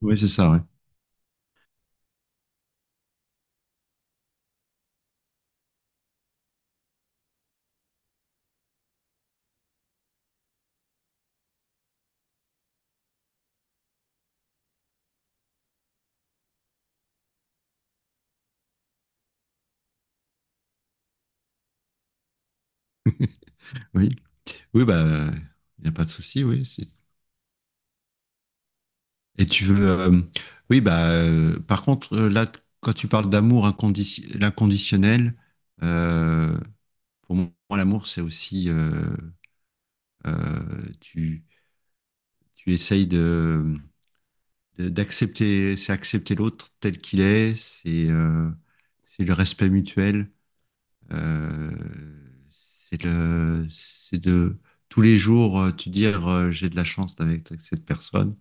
Oui, c'est ça, ouais. Oui. Oui, bah, il n'y a pas de souci, oui. Et tu veux. Oui, bah, par contre, là, quand tu parles d'amour inconditionnel, l'inconditionnel, euh, pour moi, l'amour, c'est aussi. Euh, tu, tu essayes d'accepter, c'est accepter l'autre tel qu'il est, c'est le respect mutuel, euh, c'est le, c'est de. Tous les jours, tu dire j'ai de la chance avec cette personne.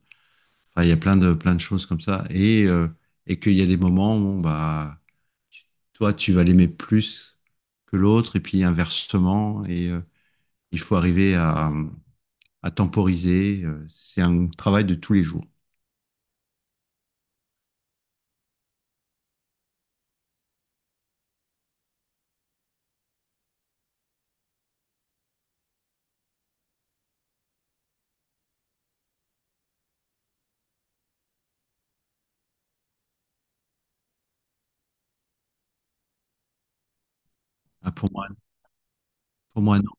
Enfin, il y a plein de choses comme ça. Et qu'il y a des moments où bah, tu- toi, tu vas l'aimer plus que l'autre, et puis inversement. Et il faut arriver à temporiser. C'est un travail de tous les jours. Ah, pour moi, non,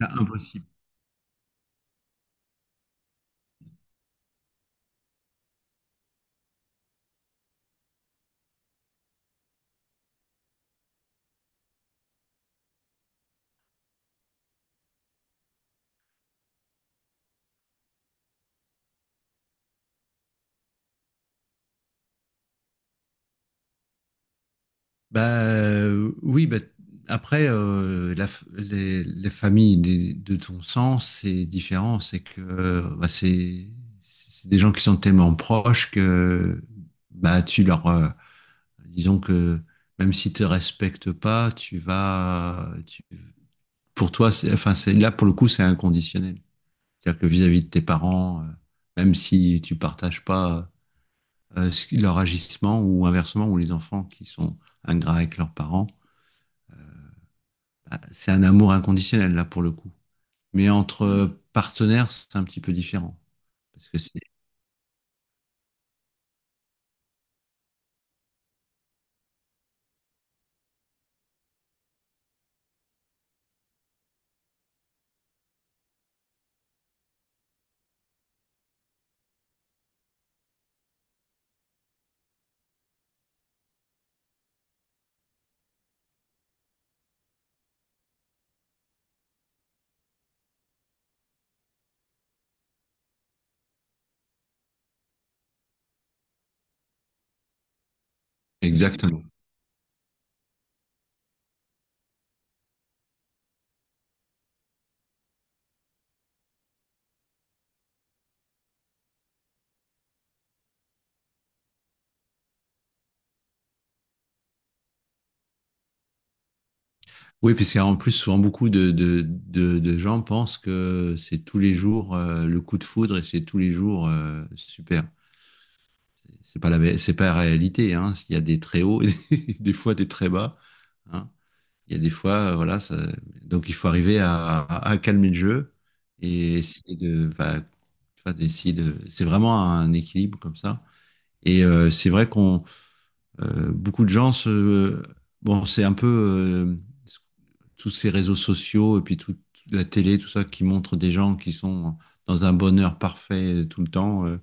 c'est impossible. Bah oui, bah, après, les familles de ton sang, c'est différent. C'est que bah, c'est des gens qui sont tellement proches que bah, tu leur. Disons que même s'ils te respectent pas, tu vas. Pour toi, c'est, enfin, c'est, là, pour le coup, c'est inconditionnel. C'est-à-dire que vis-à-vis de tes parents, même si tu partages pas leur agissement ou inversement, ou les enfants qui sont ingrats avec leurs parents. Ah, c'est un amour inconditionnel là pour le coup. Mais entre partenaires, c'est un petit peu différent. Parce que c'est exactement. Oui, puis c'est en plus souvent beaucoup de gens pensent que c'est tous les jours le coup de foudre et c'est tous les jours super. C'est pas la réalité. Hein. Il y a des très hauts, et des fois des très bas. Hein. Il y a des fois, voilà, ça... Donc il faut arriver à calmer le jeu et essayer de, bah, enfin, d'essayer de. C'est vraiment un équilibre comme ça. Et c'est vrai qu'on beaucoup de gens se bon c'est un peu tous ces réseaux sociaux et puis toute la télé tout ça qui montre des gens qui sont dans un bonheur parfait tout le temps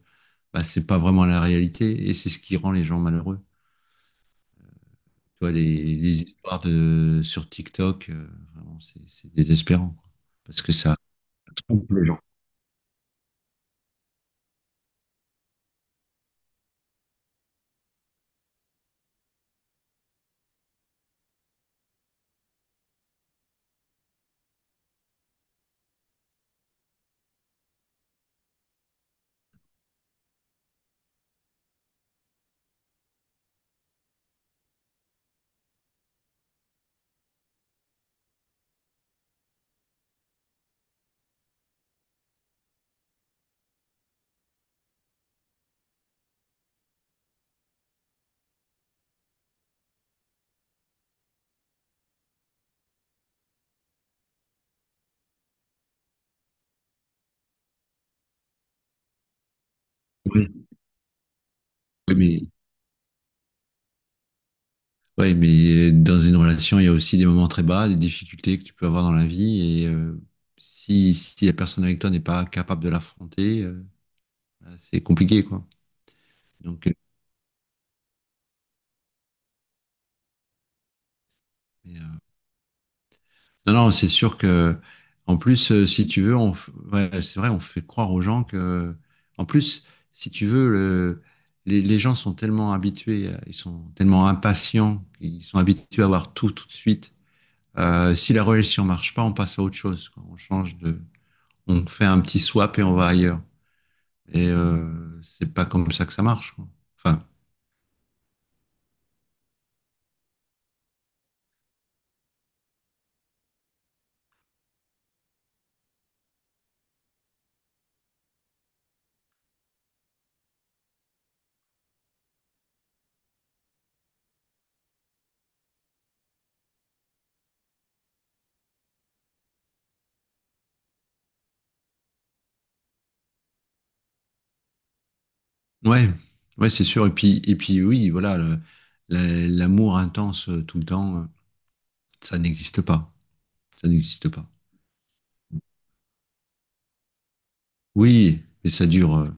bah, c'est pas vraiment la réalité et c'est ce qui rend les gens malheureux. Tu vois les histoires de sur TikTok vraiment, c'est désespérant quoi. Parce que ça trompe les gens. Oui, oui. Mais, dans une relation, il y a aussi des moments très bas, des difficultés que tu peux avoir dans la vie. Et si la personne avec toi n'est pas capable de l'affronter, bah, c'est compliqué, quoi. Donc, mais, non, c'est sûr que, en plus, si tu veux, ouais, c'est vrai, on fait croire aux gens que, en plus, si tu veux, les gens sont tellement habitués, ils sont tellement impatients, ils sont habitués à avoir tout tout de suite. Si la relation marche pas, on passe à autre chose, quoi. On change de, on fait un petit swap et on va ailleurs. Et c'est pas comme ça que ça marche. Quoi. Enfin, ouais, ouais, c'est sûr. Et puis, oui, voilà, l'amour intense tout le temps, ça n'existe pas. Ça n'existe pas. Oui, mais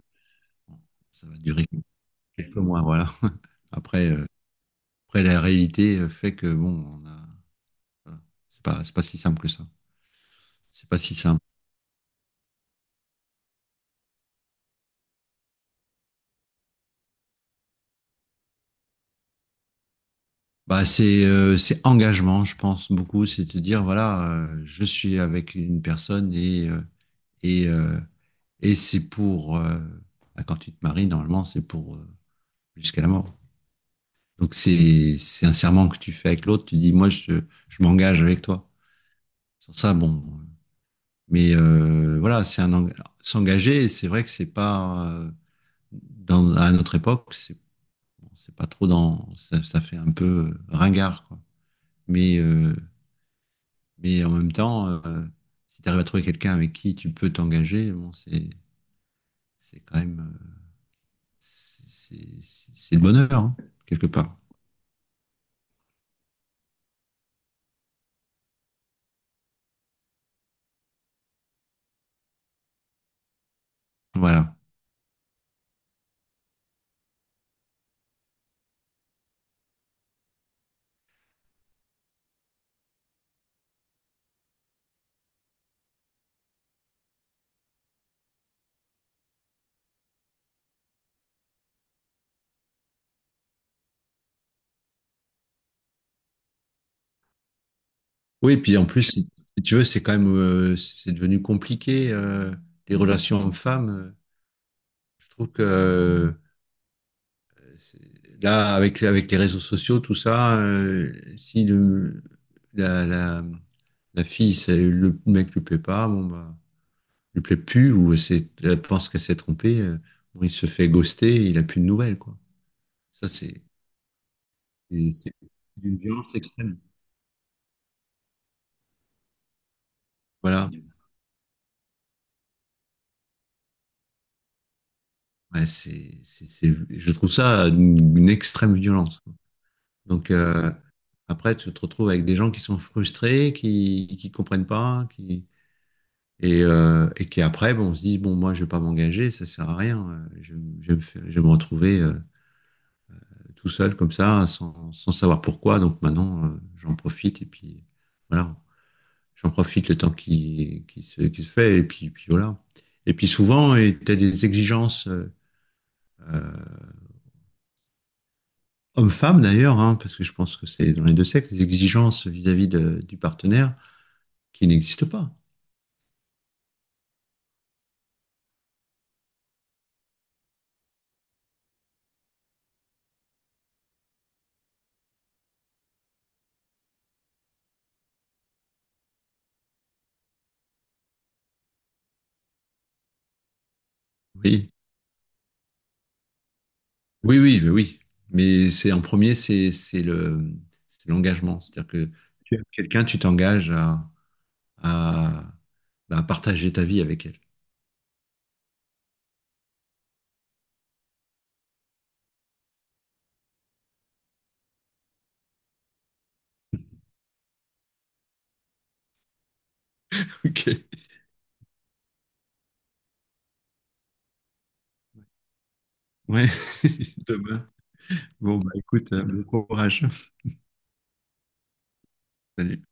ça va durer quelques mois, voilà. Après, après la réalité fait que bon, on a, voilà, c'est pas si simple que ça. C'est pas si simple. Bah, c'est engagement, je pense beaucoup. C'est de dire voilà, je suis avec une personne Et, euh, et quand tu te maries, normalement, c'est pour jusqu'à la mort. Donc c'est un serment que tu fais avec l'autre, tu dis, moi, je m'engage avec toi. Sur ça, bon. Mais voilà, s'engager, c'est vrai que c'est pas, dans, à notre époque, c'est bon, c'est pas trop dans, ça fait un peu ringard, quoi. Mais, euh, mais, en même temps, si tu arrives à trouver quelqu'un avec qui tu peux t'engager, bon, c'est quand même. C'est c'est le bonheur, hein, quelque part. Voilà. Oui, et puis en plus, si tu veux, c'est quand même, c'est devenu compliqué, les relations hommes-femmes. Je trouve que c'est- là, avec les réseaux sociaux, tout ça, si la, la, la fille, le mec lui plaît pas, bon, bah, lui plaît plus, ou c'est, elle pense qu'elle s'est trompée, bon, il se fait ghoster, il a plus de nouvelles, quoi. Ça, c'est, c'est d'une violence extrême. Voilà. Ouais, je trouve ça une extrême violence. Donc après, tu te retrouves avec des gens qui sont frustrés, qui comprennent pas, et qui après, bon, on se dit bon, moi, je vais pas m'engager, ça sert à rien. Je vais je vais me retrouver tout seul comme ça, sans savoir pourquoi. Donc maintenant, j'en profite et puis voilà, j'en profite le temps qui se fait et puis voilà. Et puis souvent, tu as des exigences. Euh, Homme-femme d'ailleurs, hein, parce que je pense que c'est dans les deux sexes, des exigences vis-à-vis du partenaire qui n'existent pas. Oui, oui, oui, oui, oui. Mais c'est en premier, c'est l'engagement, c'est-à-dire que tu aimes quelqu'un, tu t'engages à, bah, à partager ta vie avec elle. Ok. Ouais. Demain. Bon bah écoute, bon courage. Salut.